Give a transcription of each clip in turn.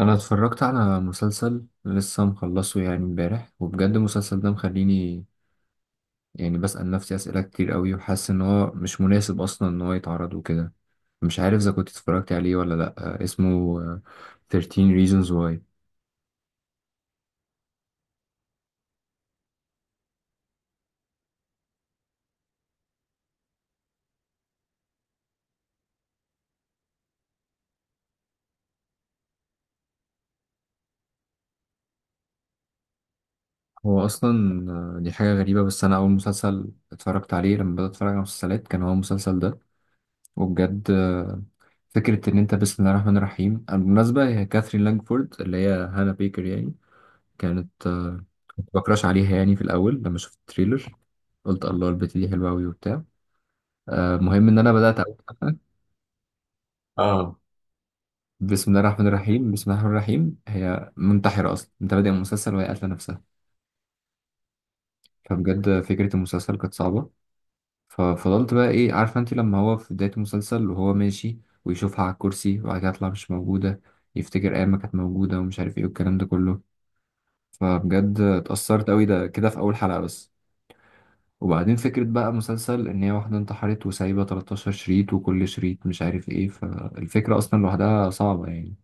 انا اتفرجت على مسلسل لسه مخلصه يعني امبارح، وبجد المسلسل ده مخليني يعني بسأل نفسي أسئلة كتير قوي، وحاسس ان هو مش مناسب اصلا ان هو يتعرض وكده. مش عارف اذا كنت اتفرجت عليه ولا لا. اسمه 13 Reasons Why. هو اصلا آه، دي حاجة غريبة، بس انا اول مسلسل اتفرجت عليه لما بدأت اتفرج على مسلسلات كان هو المسلسل ده. وبجد فكرة ان انت، بسم الله الرحمن الرحيم بالمناسبة، هي كاثرين لانجفورد اللي هي هانا بيكر يعني، كانت بكراش عليها يعني في الاول لما شفت التريلر قلت الله البت دي حلوه قوي وبتاع. المهم ان انا بدات اول حلقه. اه بسم الله الرحمن الرحيم، بسم الله الرحمن الرحيم، هي منتحره اصلا، انت بادئ المسلسل وهي قاتله نفسها. فبجد فكره المسلسل كانت صعبه. ففضلت بقى، ايه عارفه انت، لما هو في بدايه المسلسل وهو ماشي ويشوفها على الكرسي وبعد كده تطلع مش موجوده، يفتكر ايام ما كانت موجوده ومش عارف ايه والكلام ده كله. فبجد اتأثرت قوي ده كده في اول حلقه بس. وبعدين فكرة بقى مسلسل إن هي واحدة انتحرت وسايبة 13 شريط وكل شريط مش عارف إيه، فالفكرة أصلا لوحدها صعبة يعني.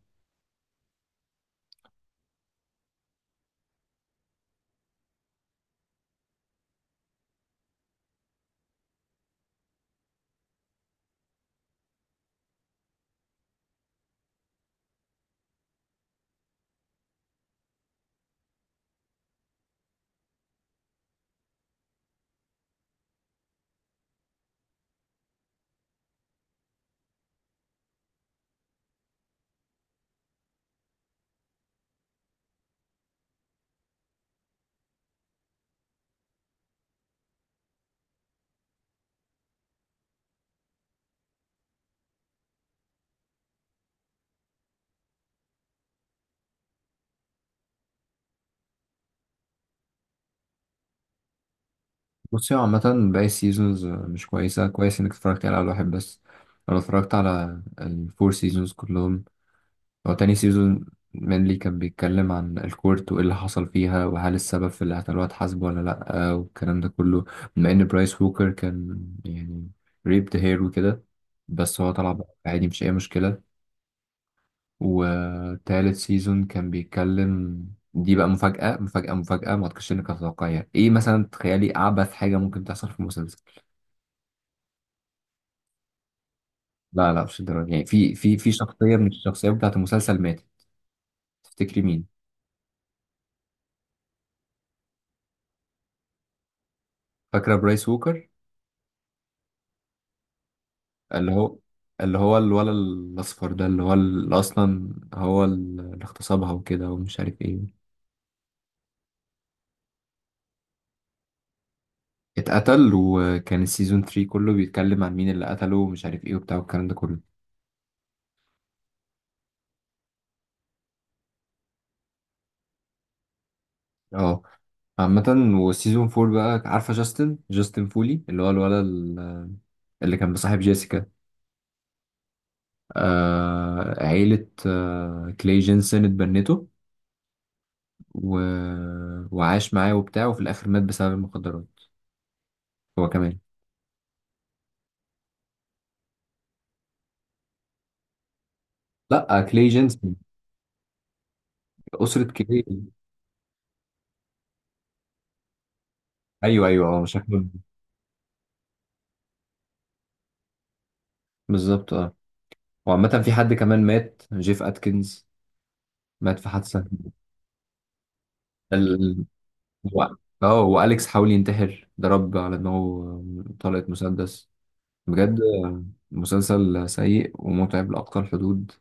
بصي، هو عامة باقي السيزونز مش كويسة. كويس إنك اتفرجت يعني على واحد بس. أنا اتفرجت على الفور سيزونز كلهم. هو تاني سيزون مانلي كان بيتكلم عن الكورت وإيه اللي حصل فيها، وهل السبب في اللي قتلوها اتحاسب ولا لأ والكلام ده كله. بما إن برايس ووكر كان يعني ريبد هير وكده، بس هو طلع بقى عادي مش أي مشكلة. وتالت سيزون كان بيتكلم، دي بقى مفاجأة مفاجأة مفاجأة، ما اعتقدش انك هتتوقعيها. ايه مثلا تخيلي اعبث حاجة ممكن تحصل في المسلسل؟ لا لا، مش الدرجة. يعني في شخصية من الشخصيات بتاعت المسلسل ماتت. تفتكري مين؟ فاكرة برايس ووكر؟ اللي هو اللي هو الولد الأصفر ده، اللي هو اللي أصلا هو اللي اغتصبها وكده ومش عارف ايه. اتقتل، وكان السيزون 3 كله بيتكلم عن مين اللي قتله ومش عارف ايه وبتاع والكلام ده كله. اه. عامة، وسيزون فور بقى، عارفة، جاستن فولي اللي هو الولد اللي كان بصاحب جيسيكا. عيلة كلاي جينسون اتبنته، و... وعاش معاه وبتاع، وفي الآخر مات بسبب المخدرات. هو كمان. لا، كلاي جينسون، أسرة كلاي. أيوه أيوه أه، شكله بالظبط أه. وعامة في حد كمان مات، جيف أتكنز، مات في حادثة. ال... و- اه، وأليكس حاول ينتحر، ضرب على دماغه طلقة مسدس. بجد مسلسل سيء ومتعب لأقصى الحدود.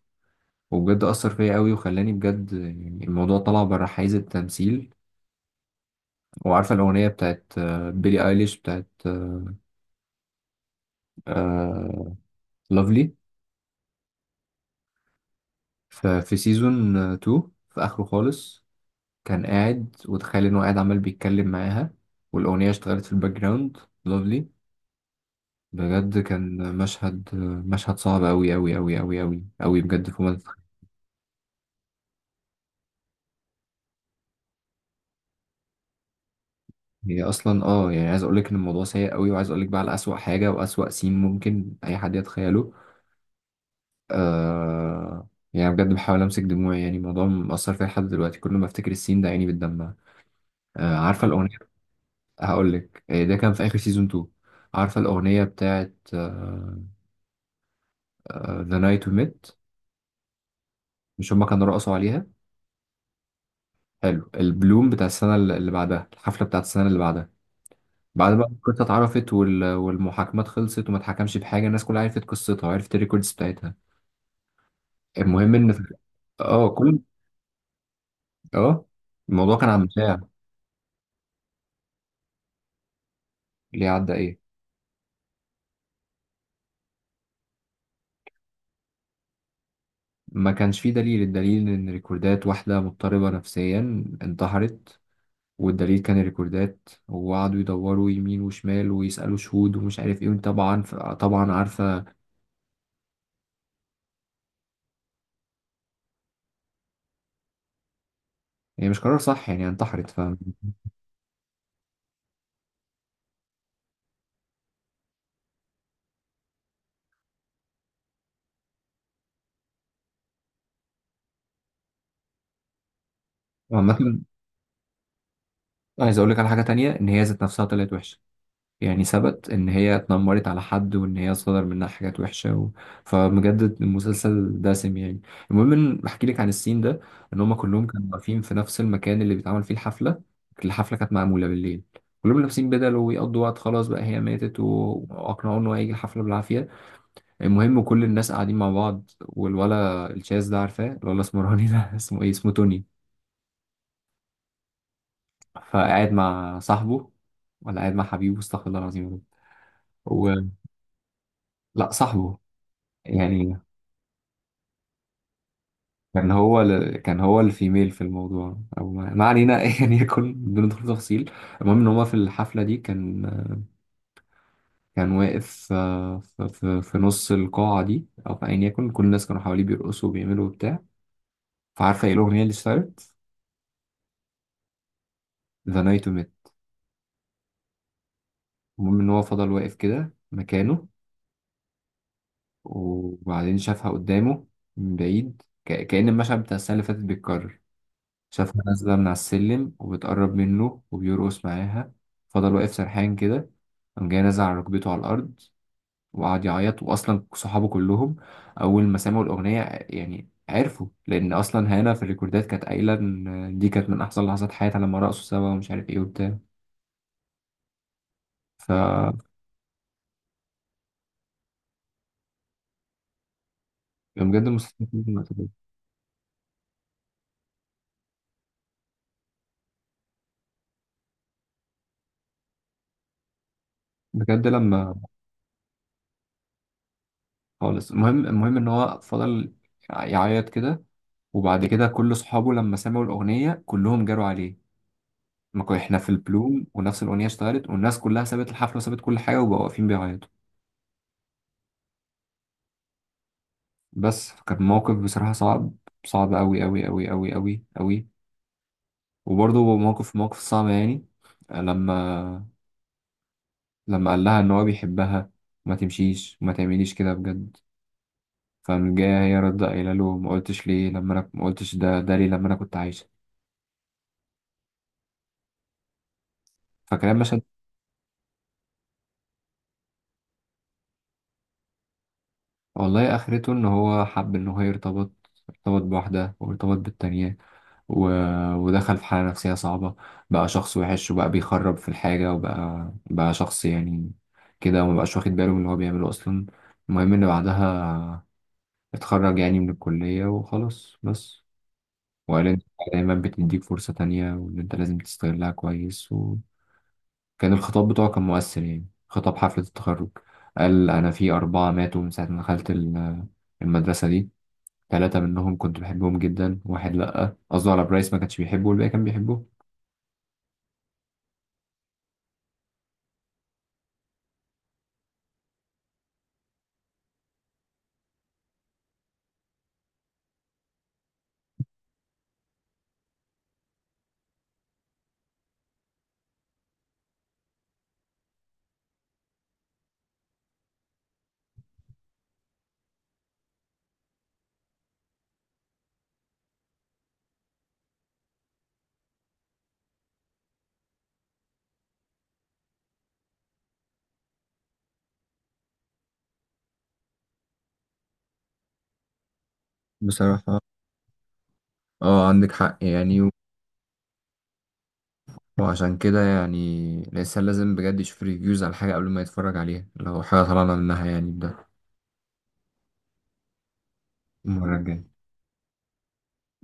وبجد أثر فيا قوي وخلاني بجد يعني الموضوع طلع بره حيز التمثيل. وعارفة الأغنية بتاعت بيلي أيليش بتاعت لافلي؟ ففي سيزون 2 في آخره خالص كان قاعد وتخيل إنه قاعد عمال بيتكلم معاها، والأغنية اشتغلت في الباك جراوند، لافلي. بجد كان مشهد، مشهد صعب أوي أوي أوي أوي أوي أوي بجد فوق ما. هي اصلا اه، يعني عايز اقول لك ان الموضوع سيء قوي، وعايز اقول لك بقى على اسوأ حاجه واسوأ سين ممكن اي حد يتخيله. آه يعني بجد بحاول امسك دموعي، يعني الموضوع مأثر فيا لحد دلوقتي، كل ما افتكر السين ده عيني بتدمع. عارفه الاغنيه، هقول لك، ده كان في اخر سيزون 2. عارفه الاغنيه بتاعت ذا نايت وي ميت؟ مش هما كانوا رقصوا عليها؟ حلو، البلوم بتاع السنه اللي بعدها، الحفله بتاعت السنه اللي بعدها، بعد ما القصه اتعرفت والمحاكمات خلصت وما اتحكمش بحاجه، الناس كلها عرفت قصتها وعرفت الريكوردز بتاعتها. المهم ان اه كل اه الموضوع كان عن مشاع. ليه عدى ايه؟ ما كانش فيه دليل. الدليل ان ريكوردات واحدة مضطربة نفسيا انتحرت، والدليل كان الريكوردات، وقعدوا يدوروا يمين وشمال ويسألوا شهود ومش عارف ايه طبعا. طبعا عارفة هي، يعني مش قرار صح يعني انتحرت، ف. عامة، عايز اقول لك على حاجة تانية، ان هي ذات نفسها طلعت وحشة. يعني ثبت ان هي اتنمرت على حد وان هي صدر منها حاجات وحشه فمجدد المسلسل دسم يعني. المهم ان احكي لك عن السين ده. ان هم كلهم كانوا واقفين في نفس المكان اللي بيتعمل فيه الحفله. الحفله كانت معموله بالليل، كلهم لابسين بدل ويقضوا وقت، خلاص بقى هي ماتت واقنعوه ان هو هيجي الحفله بالعافيه. المهم كل الناس قاعدين مع بعض، والولا الشاذ ده عارفاه، الولا اسمراني ده اسمه ايه، اسمه توني. فقاعد مع صاحبه، ولا قاعد مع حبيبه استغفر الله العظيم يا رب، و... لا صاحبه يعني. كان هو الفيميل في الموضوع، او ما علينا يعني يكون بندخل تفصيل. المهم ان هو في الحفله دي كان، كان واقف، في نص القاعه دي او في ايا يكن، كل الناس كانوا حواليه بيرقصوا وبيعملوا وبتاع. فعارفه ايه الاغنيه اللي اشتغلت؟ ذا نايت ميت. المهم ان هو فضل واقف كده مكانه، وبعدين شافها قدامه من بعيد، كأن المشهد بتاع السنه اللي فاتت بيتكرر، شافها نازلة من على السلم وبتقرب منه وبيرقص معاها. فضل واقف سرحان كده، قام جاي نازل على ركبته على الأرض، وقعد يعيط. وأصلا صحابه كلهم أول ما سمعوا الأغنية يعني عرفوا، لأن أصلا هنا في الريكوردات كانت قايلة إن دي كانت من أحسن لحظات حياتها لما رقصوا سوا ومش عارف إيه وبتاع. ف. بجد المسلسل كان جامد وقت ده. بجد لما خالص. المهم، إن هو فضل يعيط كده، وبعد كده كل صحابه لما سمعوا الأغنية كلهم جاروا عليه. ما كو- احنا في البلوم ونفس الأغنية اشتغلت، والناس كلها سابت الحفلة وسابت كل حاجة وبقوا واقفين بيعيطوا. بس كان موقف بصراحة صعب، صعب أوي أوي أوي أوي أوي أوي. وبرضه موقف، صعب يعني، لما قال لها إن هو بيحبها، ما تمشيش وما تعمليش كده بجد. فمن جاية هي رد قايلة له ما قلتش ليه لما أنا، ما قلتش ده ليه لما أنا كنت عايشة. فكلام مشهد. والله آخرته إن هو حب إن هو يرتبط، ارتبط بواحدة وارتبط بالتانية و... ودخل في حالة نفسية صعبة. بقى شخص وحش وبقى بيخرب في الحاجة، وبقى شخص يعني كده، ومبقاش واخد باله من اللي هو بيعمله أصلا. المهم إن بعدها اتخرج يعني من الكلية وخلاص بس. وقال إن دايما بتديك فرصة تانية وإن أنت لازم تستغلها كويس. وكان الخطاب بتاعه كان مؤثر، يعني خطاب حفلة التخرج. قال أنا في أربعة ماتوا من ساعة ما دخلت المدرسة دي، ثلاثة منهم كنت بحبهم جدا، واحد لأ قصده على برايس ما كانش بيحبه، والباقي كان بيحبه. بصراحة اه، عندك حق يعني، وعشان كده يعني الإنسان لازم بجد يشوف ريفيوز على حاجة قبل ما يتفرج عليها، لو حاجة طلعنا منها يعني بده. المرة الجاية.